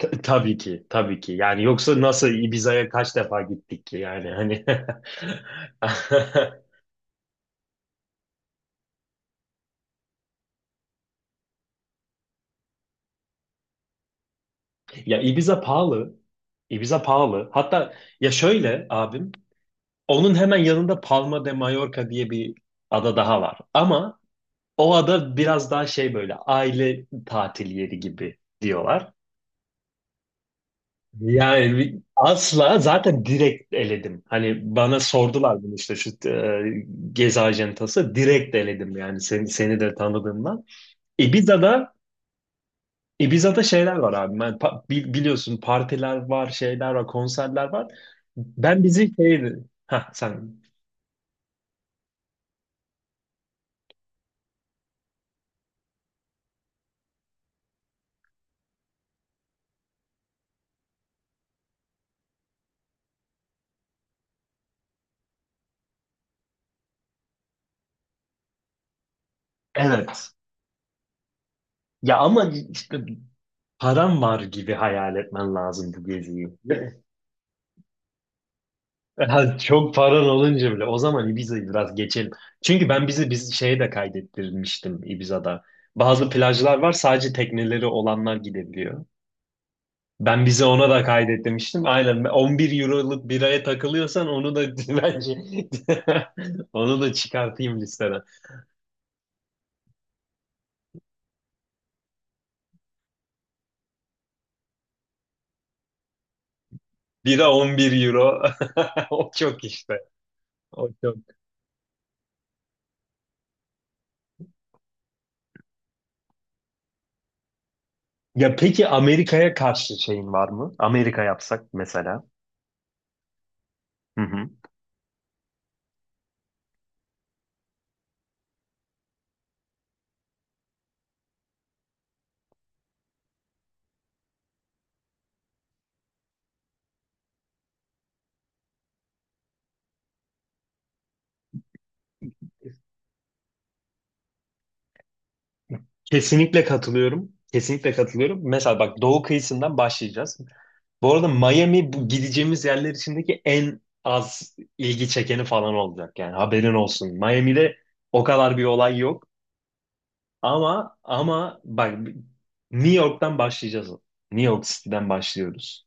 Tabii ki, tabii ki. Yani yoksa nasıl Ibiza'ya kaç defa gittik ki yani hani. Ya Ibiza pahalı. Ibiza pahalı. Hatta ya şöyle abim, onun hemen yanında Palma de Mallorca diye bir ada daha var. Ama o ada biraz daha şey böyle aile tatil yeri gibi diyorlar. Yani asla zaten direkt eledim. Hani bana sordular bunu işte şu gezi ajantası direkt eledim yani seni de tanıdığımdan. Ibiza'da Ibiza'da şeyler var abi. Ben, biliyorsun partiler var, şeyler var, konserler var. Ben bizi şeydi. Ha sen. Evet. Ya ama işte param var gibi hayal etmen lazım bu geziyi. Ha, çok paran olunca bile. O zaman Ibiza'yı biraz geçelim. Çünkü ben bizi biz şeye de kaydettirmiştim Ibiza'da. Bazı plajlar var, sadece tekneleri olanlar gidebiliyor. Ben bize ona da kaydet demiştim. Aynen 11 euroluk biraya takılıyorsan onu da bence onu da çıkartayım listeden. Bira 11 euro. O çok işte. O çok. Ya peki Amerika'ya karşı şeyin var mı? Amerika yapsak mesela. Hı hı. Kesinlikle katılıyorum. Kesinlikle katılıyorum. Mesela bak, doğu kıyısından başlayacağız. Bu arada Miami bu gideceğimiz yerler içindeki en az ilgi çekeni falan olacak. Yani haberin olsun. Miami'de o kadar bir olay yok. Ama bak, New York'tan başlayacağız. New York City'den başlıyoruz.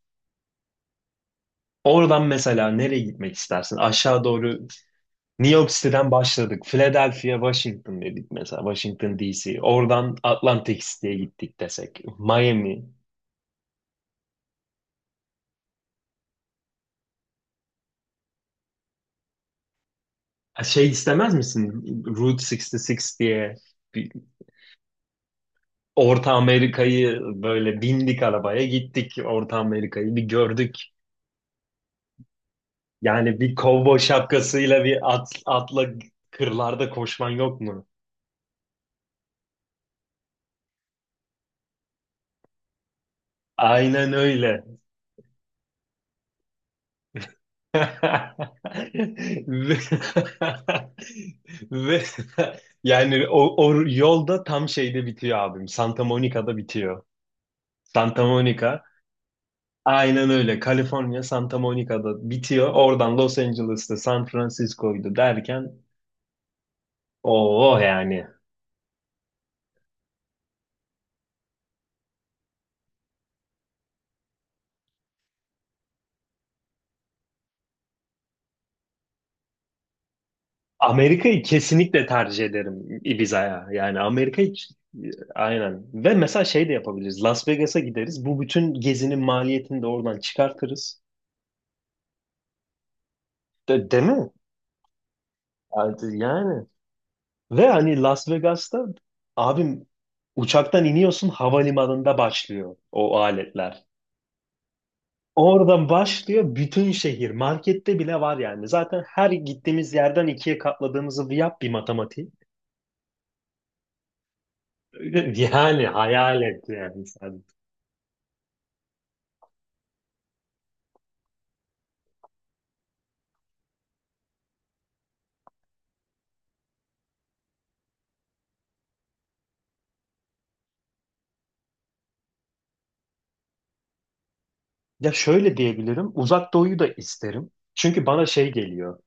Oradan mesela nereye gitmek istersin? Aşağı doğru New York City'den başladık. Philadelphia, Washington dedik mesela. Washington DC. Oradan Atlantic City'ye gittik desek. Miami. Şey istemez misin? Route 66 diye bir Orta Amerika'yı böyle bindik arabaya gittik. Orta Amerika'yı bir gördük. Yani bir kovboy şapkasıyla bir atla kırlarda koşman yok mu? Aynen öyle. Ve, ve yani o yolda tam şeyde bitiyor abim. Santa Monica'da bitiyor. Santa Monica, aynen öyle. Kaliforniya Santa Monica'da bitiyor. Oradan Los Angeles'ta San Francisco'ydu derken o yani. Amerika'yı kesinlikle tercih ederim Ibiza'ya. Yani Amerika'yı, aynen. Ve mesela şey de yapabiliriz. Las Vegas'a gideriz. Bu bütün gezinin maliyetini de oradan çıkartırız. Değil mi? Yani yani. Ve hani Las Vegas'ta abim, uçaktan iniyorsun, havalimanında başlıyor o aletler. Oradan başlıyor bütün şehir. Markette bile var yani. Zaten her gittiğimiz yerden ikiye katladığımızı yap bir matematiği. Yani hayal et yani. Ya şöyle diyebilirim, Uzak Doğu'yu da isterim. Çünkü bana şey geliyor,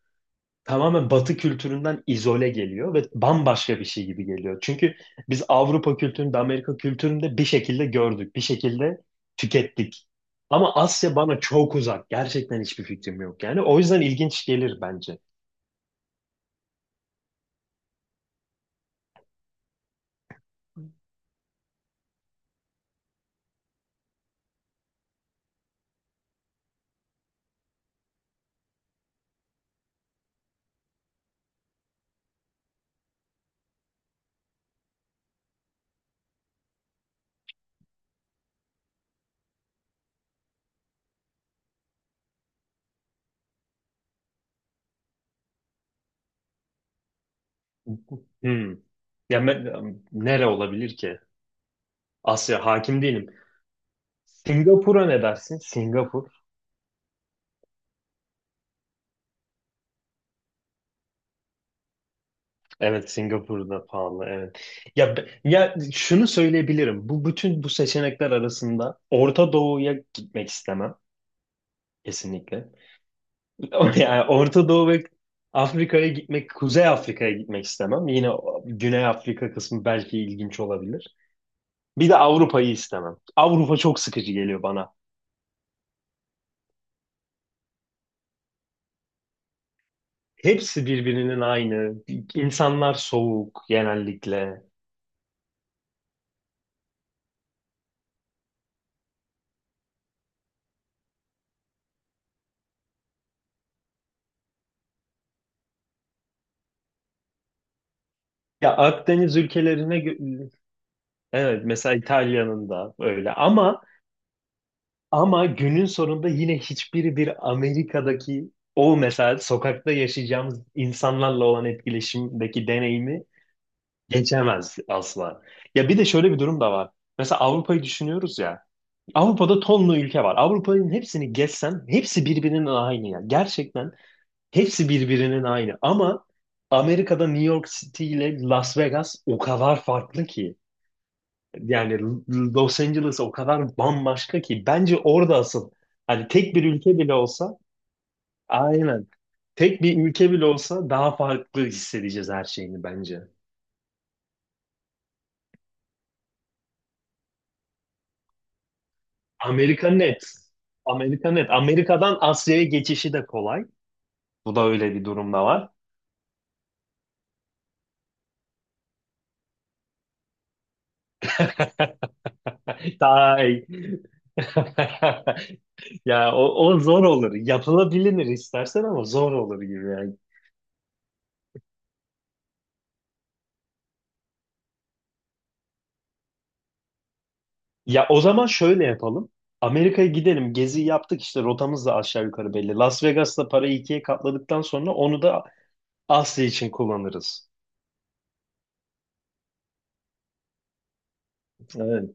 tamamen Batı kültüründen izole geliyor ve bambaşka bir şey gibi geliyor. Çünkü biz Avrupa kültüründe, Amerika kültüründe bir şekilde gördük, bir şekilde tükettik. Ama Asya bana çok uzak, gerçekten hiçbir fikrim yok. Yani o yüzden ilginç gelir bence. Hmm. Ya nere olabilir ki? Asya hakim değilim. Singapur'a ne dersin? Singapur. Evet, Singapur'da pahalı, evet. Ya şunu söyleyebilirim. Bu bütün bu seçenekler arasında Orta Doğu'ya gitmek istemem kesinlikle. Yani Orta Doğu ve Afrika'ya gitmek, Kuzey Afrika'ya gitmek istemem. Yine Güney Afrika kısmı belki ilginç olabilir. Bir de Avrupa'yı istemem. Avrupa çok sıkıcı geliyor bana. Hepsi birbirinin aynı. İnsanlar soğuk genellikle. Ya Akdeniz ülkelerine evet, mesela İtalya'nın da öyle, ama günün sonunda yine hiçbiri bir Amerika'daki o mesela sokakta yaşayacağımız insanlarla olan etkileşimdeki deneyimi geçemez asla. Ya bir de şöyle bir durum da var. Mesela Avrupa'yı düşünüyoruz ya. Avrupa'da tonlu ülke var. Avrupa'nın hepsini gezsen hepsi birbirinin aynı ya. Gerçekten hepsi birbirinin aynı. Ama Amerika'da New York City ile Las Vegas o kadar farklı ki. Yani Los Angeles o kadar bambaşka ki, bence orada asıl hani tek bir ülke bile olsa, aynen, tek bir ülke bile olsa daha farklı hissedeceğiz her şeyini bence. Amerika net. Amerika net. Amerika'dan Asya'ya geçişi de kolay. Bu da öyle bir durumda var. Tay. Ya o zor olur. Yapılabilir istersen ama zor olur gibi yani. Ya o zaman şöyle yapalım. Amerika'ya gidelim. Gezi yaptık, işte rotamız da aşağı yukarı belli. Las Vegas'ta parayı ikiye katladıktan sonra onu da Asya için kullanırız. Evet.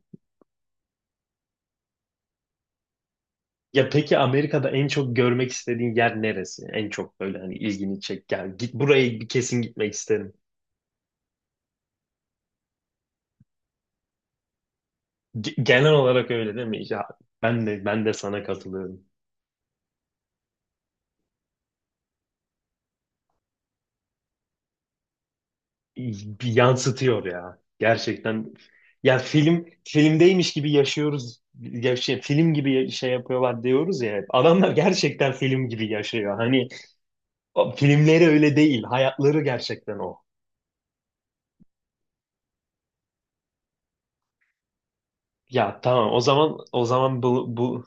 Ya peki Amerika'da en çok görmek istediğin yer neresi? En çok böyle hani ilgini çek. Yani git buraya bir, kesin gitmek isterim. Genel olarak öyle değil mi? Ya ben de sana katılıyorum. Bir yansıtıyor ya. Gerçekten ya filmdeymiş gibi yaşıyoruz. Yaşay, film gibi şey yapıyorlar diyoruz ya. Hep. Adamlar gerçekten film gibi yaşıyor. Hani o filmleri öyle değil. Hayatları gerçekten o. Ya tamam, o zaman bu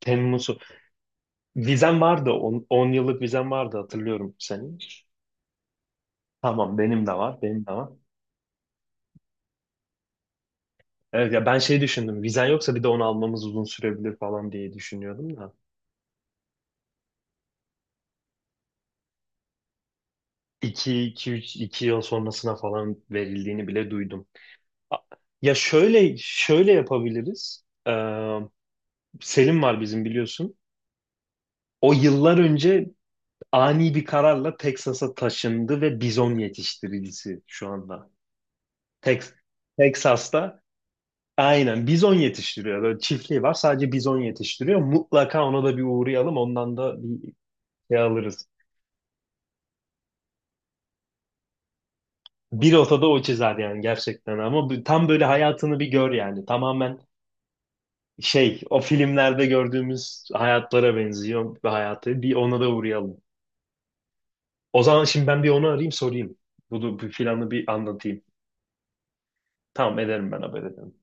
Temmuz'u vizem vardı. 10 yıllık vizem vardı, hatırlıyorum senin. Tamam, benim de var. Benim de var. Evet ya, ben şey düşündüm. Vizen yoksa bir de onu almamız uzun sürebilir falan diye düşünüyordum da. 2 2 3 2 yıl sonrasına falan verildiğini bile duydum. A- Ya şöyle yapabiliriz. Selim var bizim, biliyorsun. O yıllar önce ani bir kararla Texas'a taşındı ve bizon yetiştiricisi şu anda. Tex Texas'ta aynen bizon yetiştiriyor. Böyle çiftliği var, sadece bizon yetiştiriyor. Mutlaka ona da bir uğrayalım. Ondan da bir şey alırız. Bir otada o çizer yani gerçekten, ama tam böyle hayatını bir gör yani. Tamamen şey, o filmlerde gördüğümüz hayatlara benziyor bir hayatı. Bir ona da uğrayalım. O zaman şimdi ben bir onu arayayım, sorayım. Bunu bir, planı bir anlatayım. Tamam ederim, ben haber ederim.